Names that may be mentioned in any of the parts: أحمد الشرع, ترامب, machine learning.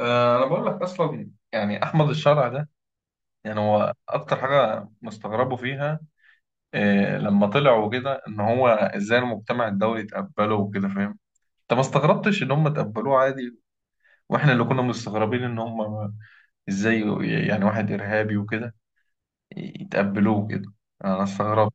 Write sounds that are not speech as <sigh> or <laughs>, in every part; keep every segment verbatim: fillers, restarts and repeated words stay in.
آه، انا بقول لك اصلا يعني احمد الشرع ده. يعني هو اكتر حاجه مستغربه فيها. آه، لما طلع وكده ان هو ازاي المجتمع الدولي تقبله وكده، فاهم؟ انت ما استغربتش ان هم تقبلوه عادي، واحنا اللي كنا مستغربين ان هم ازاي، يعني واحد ارهابي وكده يتقبلوه كده. انا استغربت.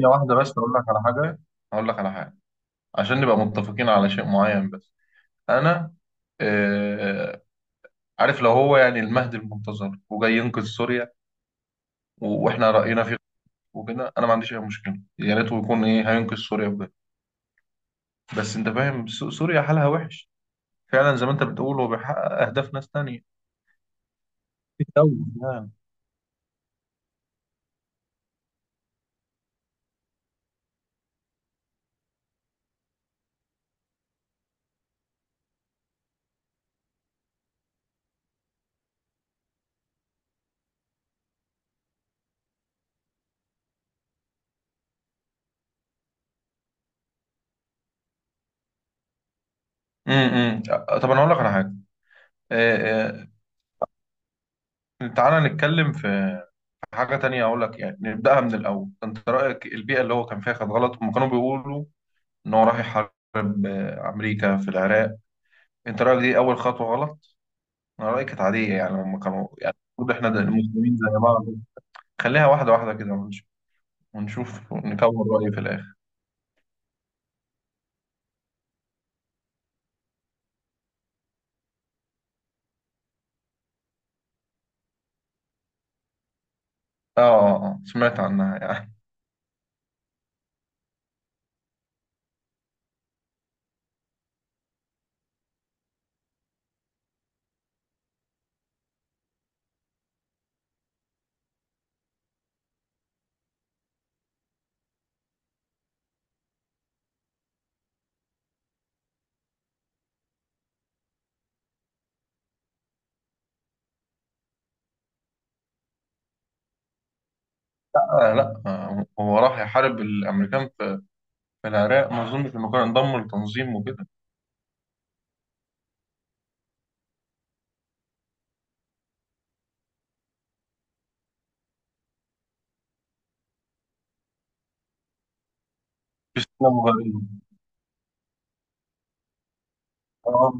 هي واحده بس، اقول لك على حاجه اقول لك على حاجه عشان نبقى متفقين على شيء معين بس. انا آه، عارف لو هو يعني المهدي المنتظر وجاي ينقذ سوريا واحنا راينا فيه وكده، انا ما عنديش اي مشكله، يا ريت يكون ايه هينقذ سوريا بجد. بس انت فاهم، سو- سوريا حالها وحش فعلا، زي ما انت بتقول هو بيحقق اهداف ناس تانية في الدولة يعني. امم. طب انا اقول لك على حاجه. آه، آه، تعالى نتكلم في في حاجه تانية، اقول لك يعني نبداها من الاول. انت رايك البيئه اللي هو كان فيها كانت غلط؟ هم كانوا بيقولوا ان هو راح يحارب آه، امريكا في العراق. انت رايك دي اول خطوه غلط؟ انا رايي كانت عاديه، يعني هم كانوا يعني المفروض احنا ده- المسلمين زي بعض. خليها واحده واحده كده ونشوف نكون رأي في الآخر. آه، آه، آه، سمعت عنها يعني. لا، آه، لا، آه، هو راح يحارب الأمريكان في في العراق، ما أظنش إنه كان انضم لتنظيم وكده. في إسلام غريب. آه.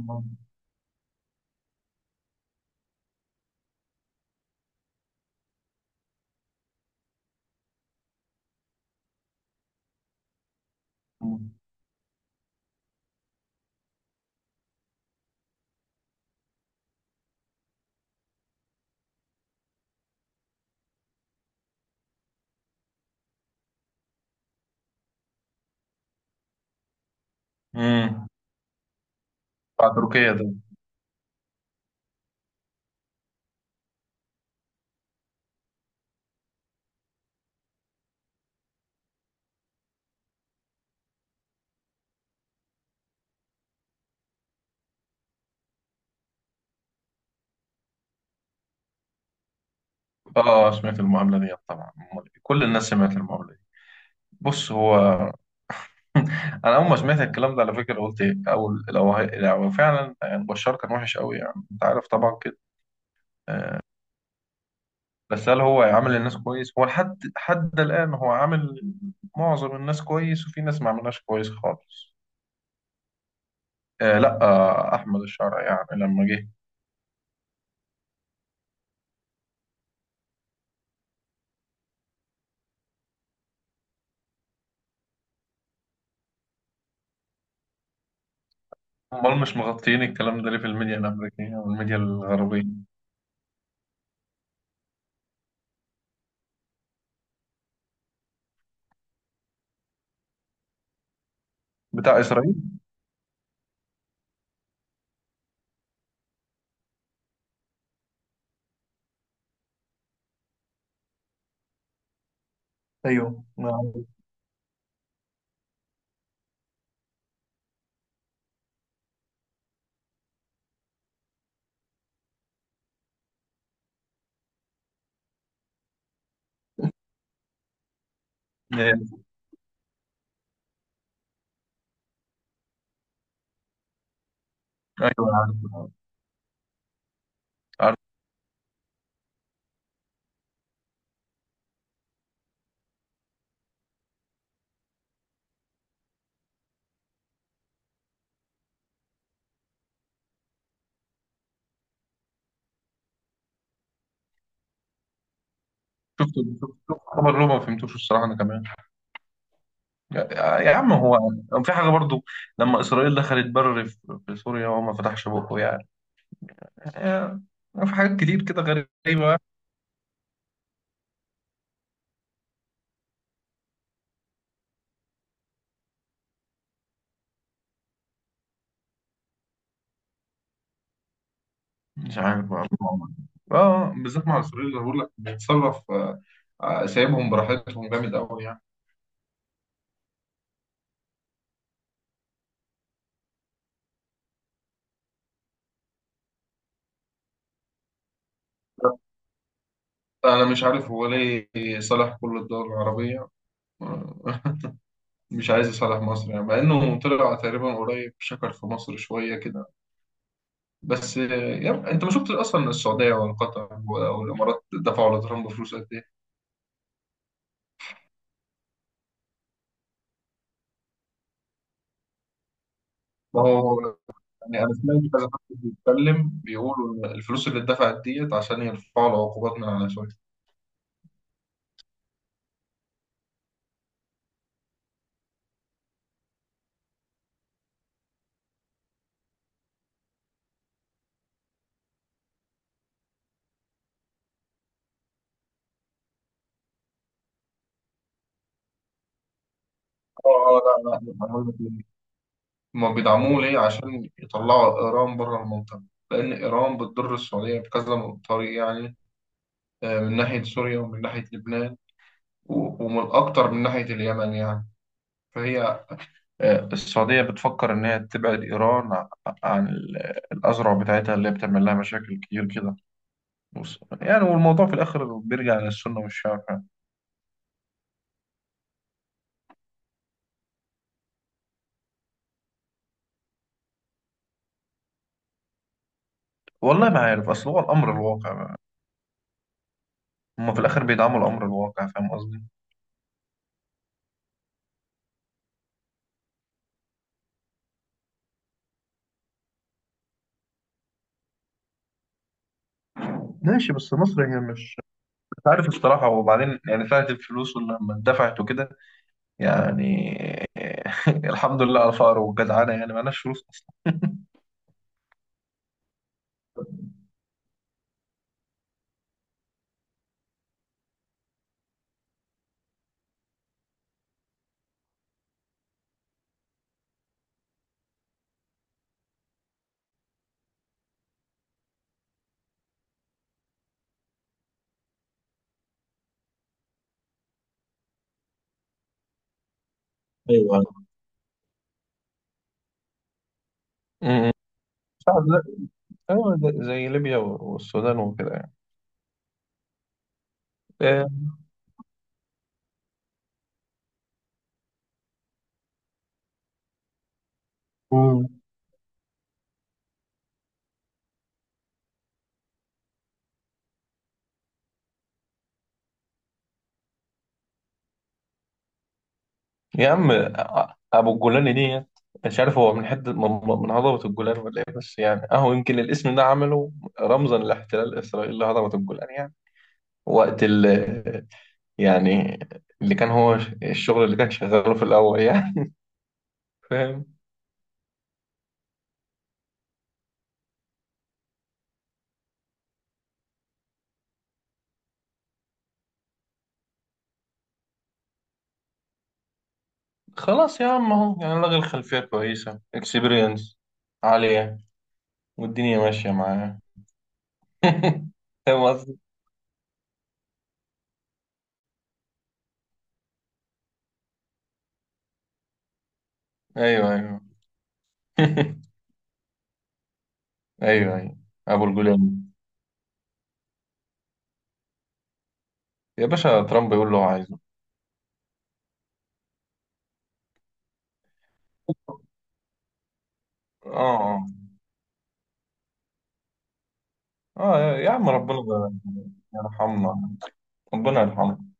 امم. بتاع تركيا ده. آه، آه، سمعت المقابلة دي طبعا. كل الناس سمعت المقابلة دي. بص هو <laughs> أنا أول ما سمعت الكلام ده على فكرة قلت إيه، أول لو, هي... لو فعلا يعني بشار كان وحش قوي، يعني أنت عارف طبعا كده. بس هل هو عامل الناس كويس؟ هو لحد حد الآن هو عامل معظم الناس كويس، وفي ناس ما عملناش كويس خالص. آه، لا، آه أحمد الشرع يعني لما جه. امال مش مغطيين الكلام ده ليه في الميديا الأمريكية والميديا الغربية؟ بتاع إسرائيل. ايوه، نعم. آه، أيوه عارف، عارف. شفت، شفت شفت خبر له ما فهمتوش الصراحة أنا كمان. يا يا عم، هو في حاجة برضو، لما إسرائيل دخلت بر في في سوريا هو ما فتحش بقه يعني. آه، في حاجات كتير كده غريبة. مش عارف بقى، الله أعلم. اه، بالذات مع السوريين اللي بقول لك بيتصرف، آه، آه، سايبهم براحتهم جامد قوي يعني. انا مش عارف هو ليه صالح كل الدول العربيه، آه، <laughs> مش عايز يصالح مصر يعني، مع انه طلع تقريبا قريب شكر في مصر شويه كده. بس آه، يعني انت ما شفتش اصلا، السعوديه ولا قطر ولا- والامارات دفعوا لترامب فلوس قد ايه؟ ما هو يعني انا سمعت كذا حد بيتكلم بيقولوا إن الفلوس اللي اتدفعت ديت عشان يرفعوا العقوبات من على سوريا. اه، آه، لا لا، هما بيدعموه ليه عشان يطلعوا إيران بره المنطقة، لأن إيران بتضر السعودية بكذا طريق يعني. آه، من ناحية سوريا ومن ناحية لبنان و- ومن أكتر من ناحية اليمن يعني. فهي آه، السعودية بتفكر إن هي تبعد إيران ع- عن ال- الأزرع بتاعتها اللي هي بتعمل لها مشاكل كتير كده. بص، يعني والموضوع في الآخر بيرجع للسنة والشعب يعني. والله ما عارف، أصل هو الأمر الواقع، هما في الآخر بيدعموا الأمر الواقع، فاهم قصدي؟ ماشي، بس مصر هي مش عارف الصراحة. وبعدين يعني ساعة الفلوس ولما اتدفعت وكده يعني، <laughs> الحمد لله على الفقر والجدعانة، يعني معناش فلوس أصلا. ايوه. امم. ساعة زي، أيوة زي زي ليبيا والسودان وكده يعني. آه، امم. يا عم، أ- أبو الجولان دي مش عارف، هو من حتة، من من هضبة الجولان ولا إيه؟ بس يعني أهو يمكن الاسم ده عمله رمزا لاحتلال إسرائيل لهضبة الجولان يعني. وقت ال يعني اللي كان هو الشغل اللي كان شغاله في الأول يعني. <laughs> فاهم. خلاص يا عم، اهو يعني لغي، الخلفية كويسة، اكسبيرينس عالية والدنيا ماشية معاه. <laughs> فاهم قصدي؟ ايوه ايوه. <laughs> ايوه ايوه. ابو الجولان. يا باشا، ترامب يقول له هو عايزه. اه اه. اه، يا يا عم، ربنا يرحمنا. ربنا يرحمنا.